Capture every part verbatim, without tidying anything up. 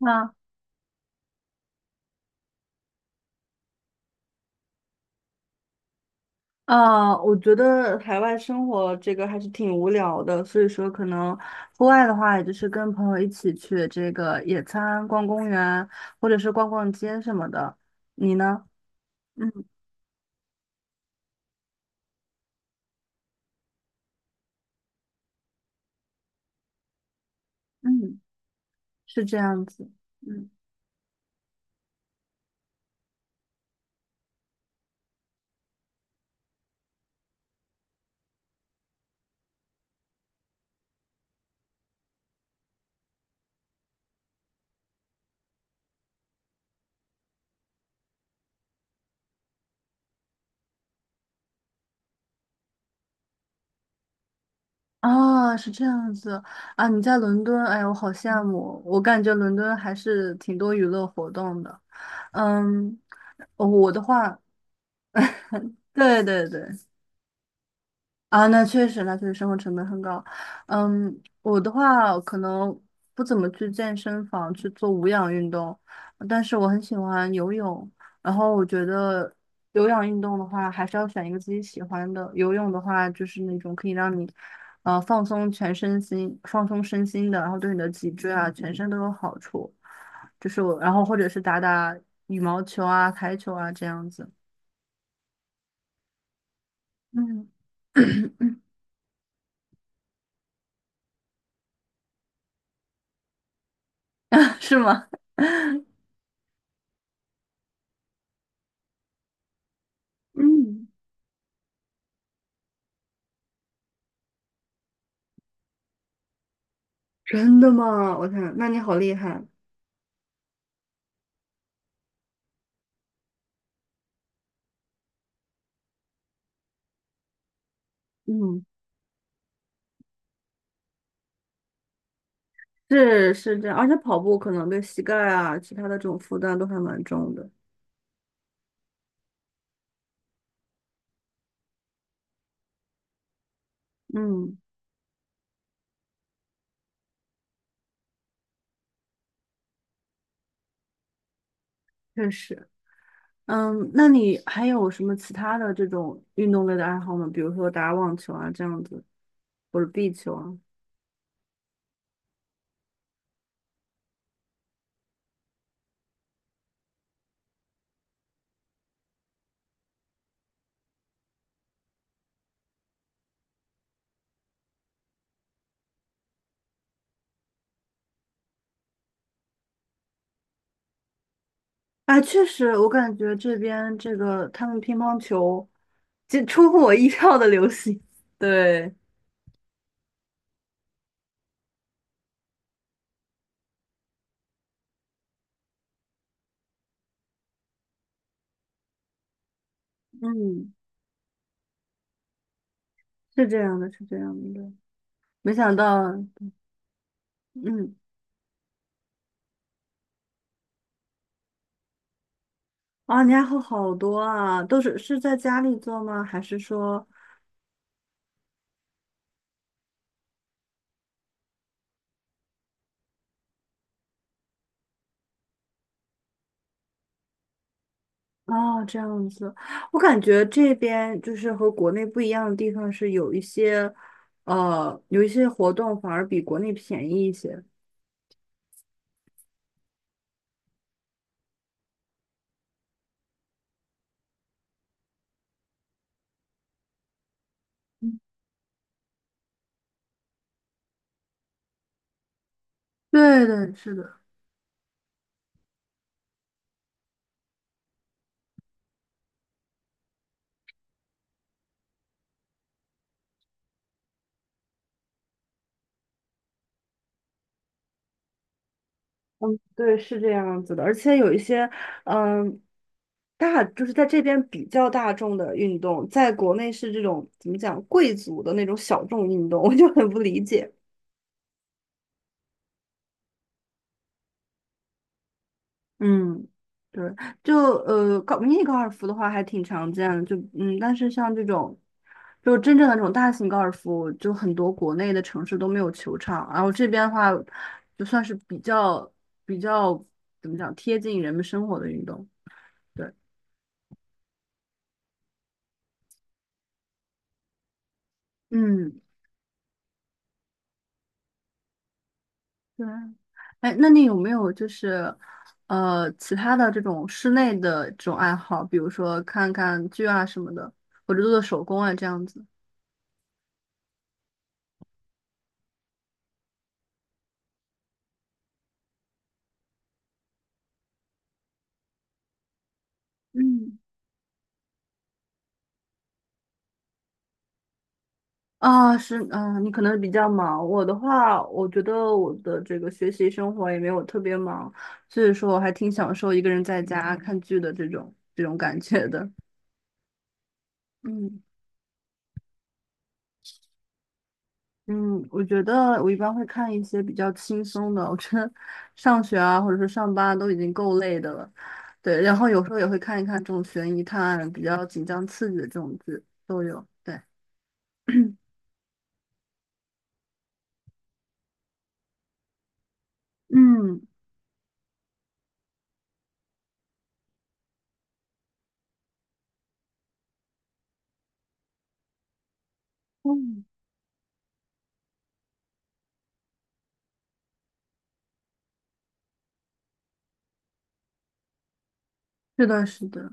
那啊，我觉得海外生活这个还是挺无聊的，所以说可能户外的话，也就是跟朋友一起去这个野餐、逛公园，或者是逛逛街什么的。你呢？嗯嗯，是这样子。嗯，啊，是这样子啊，你在伦敦，哎呀，我好羡慕，我感觉伦敦还是挺多娱乐活动的。嗯，我的话，对对对。啊，那确实，那确实生活成本很高。嗯，我的话可能不怎么去健身房去做无氧运动，但是我很喜欢游泳。然后我觉得有氧运动的话，还是要选一个自己喜欢的。游泳的话，就是那种可以让你呃放松全身心、放松身心的，然后对你的脊椎啊、全身都有好处。就是我，然后或者是打打羽毛球啊、台球啊这样子。嗯，是吗？嗯。真的吗？我看，那你好厉害。嗯，是是这样，而且跑步可能对膝盖啊，其他的这种负担都还蛮重的。嗯，确实。嗯，那你还有什么其他的这种运动类的爱好吗？比如说打网球啊这样子，或者壁球啊。啊，确实，我感觉这边这个他们乒乓球，这出乎我意料的流行。对，嗯，是这样的，是这样的。没想到，嗯。啊，你还好好多啊，都是是在家里做吗？还是说，哦，这样子？我感觉这边就是和国内不一样的地方是有一些，呃，有一些活动反而比国内便宜一些。对对，是的。嗯，对，是这样子的，而且有一些，嗯，大就是在这边比较大众的运动，在国内是这种怎么讲贵族的那种小众运动，我就很不理解。嗯，对，就呃高迷你高尔夫的话还挺常见的，就嗯，但是像这种，就真正的这种大型高尔夫，就很多国内的城市都没有球场，然后这边的话，就算是比较比较怎么讲贴近人们生活的运动，对，嗯，对，哎，那你有没有就是呃其他的这种室内的这种爱好，比如说看看剧啊什么的，或者做做手工啊这样子？嗯。啊，是，啊，你可能比较忙。我的话，我觉得我的这个学习生活也没有特别忙，所以说我还挺享受一个人在家看剧的这种这种感觉的。嗯嗯，我觉得我一般会看一些比较轻松的，我觉得 上学啊或者是上班都已经够累的了，对，然后有时候也会看一看这种悬疑探案比较紧张刺激的这种剧都有。对，嗯。是的，是的，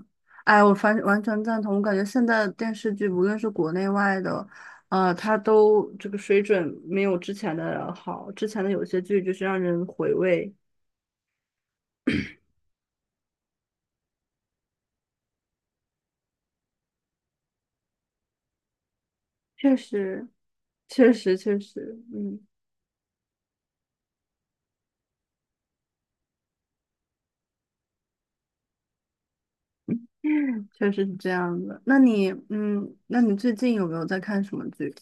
哎，我反完全赞同。我感觉现在的电视剧，无论是国内外的，呃，它都这个水准没有之前的好。之前的有些剧就是让人回味，确实，确实，确实，嗯，确实是这样的。那你，嗯，那你最近有没有在看什么剧？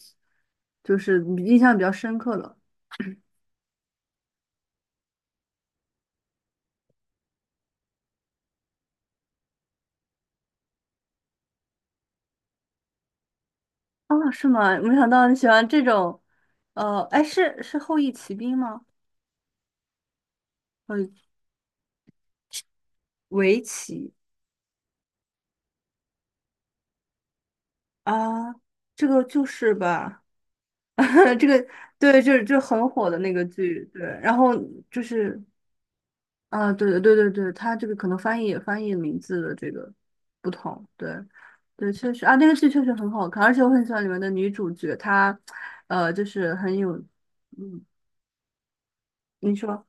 就是你印象比较深刻的？哦，是吗？没想到你喜欢这种，呃，哎，是是《后翼骑兵》吗？呃，围棋。啊，这个就是吧，这个对，这这很火的那个剧，对，然后就是啊，对对对对对，它这个可能翻译翻译名字的这个不同，对对，确实啊，那个剧确实很好看，而且我很喜欢里面的女主角，她呃，就是很有，嗯，你说，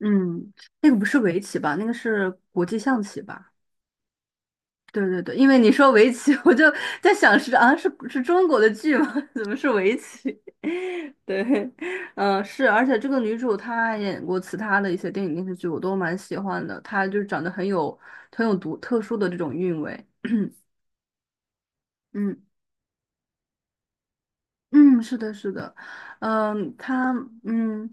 嗯，那个不是围棋吧，那个是国际象棋吧？对对对，因为你说围棋，我就在想是啊，是是中国的剧吗？怎么是围棋？对，嗯，是，而且这个女主她演过其他的一些电影电视剧，我都蛮喜欢的。她就是长得很有很有独特殊的这种韵味。嗯嗯，是的，是的，嗯，她嗯，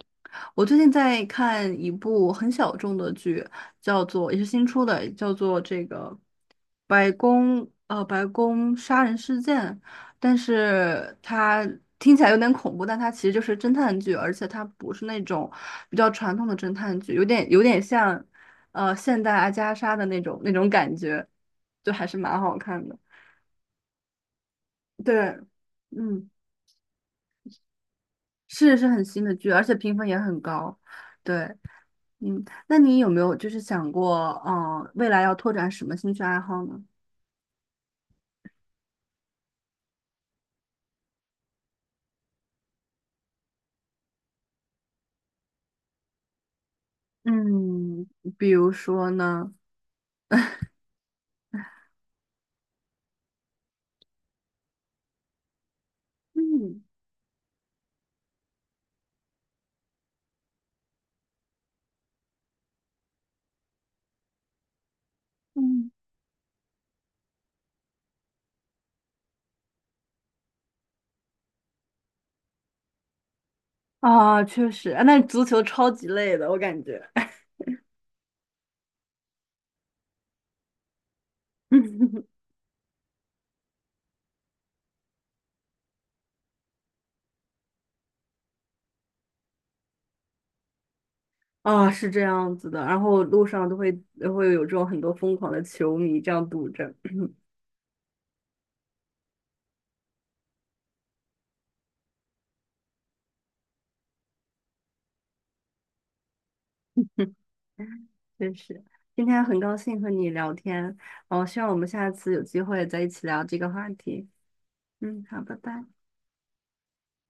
我最近在看一部很小众的剧，叫做也是新出的，叫做这个。白宫呃白宫杀人事件，但是它听起来有点恐怖，但它其实就是侦探剧，而且它不是那种比较传统的侦探剧，有点有点像呃现代阿加莎的那种那种感觉，就还是蛮好看的。对，嗯，是是很新的剧，而且评分也很高。对，嗯，那你有没有就是想过，嗯，未来要拓展什么兴趣爱好呢？嗯，比如说呢？嗯嗯。啊，确实，啊那足球超级累的，我感觉。啊，是这样子的，然后路上都会都会有这种很多疯狂的球迷这样堵着，真是。今天很高兴和你聊天，哦，希望我们下次有机会再一起聊这个话题。嗯，好，拜拜。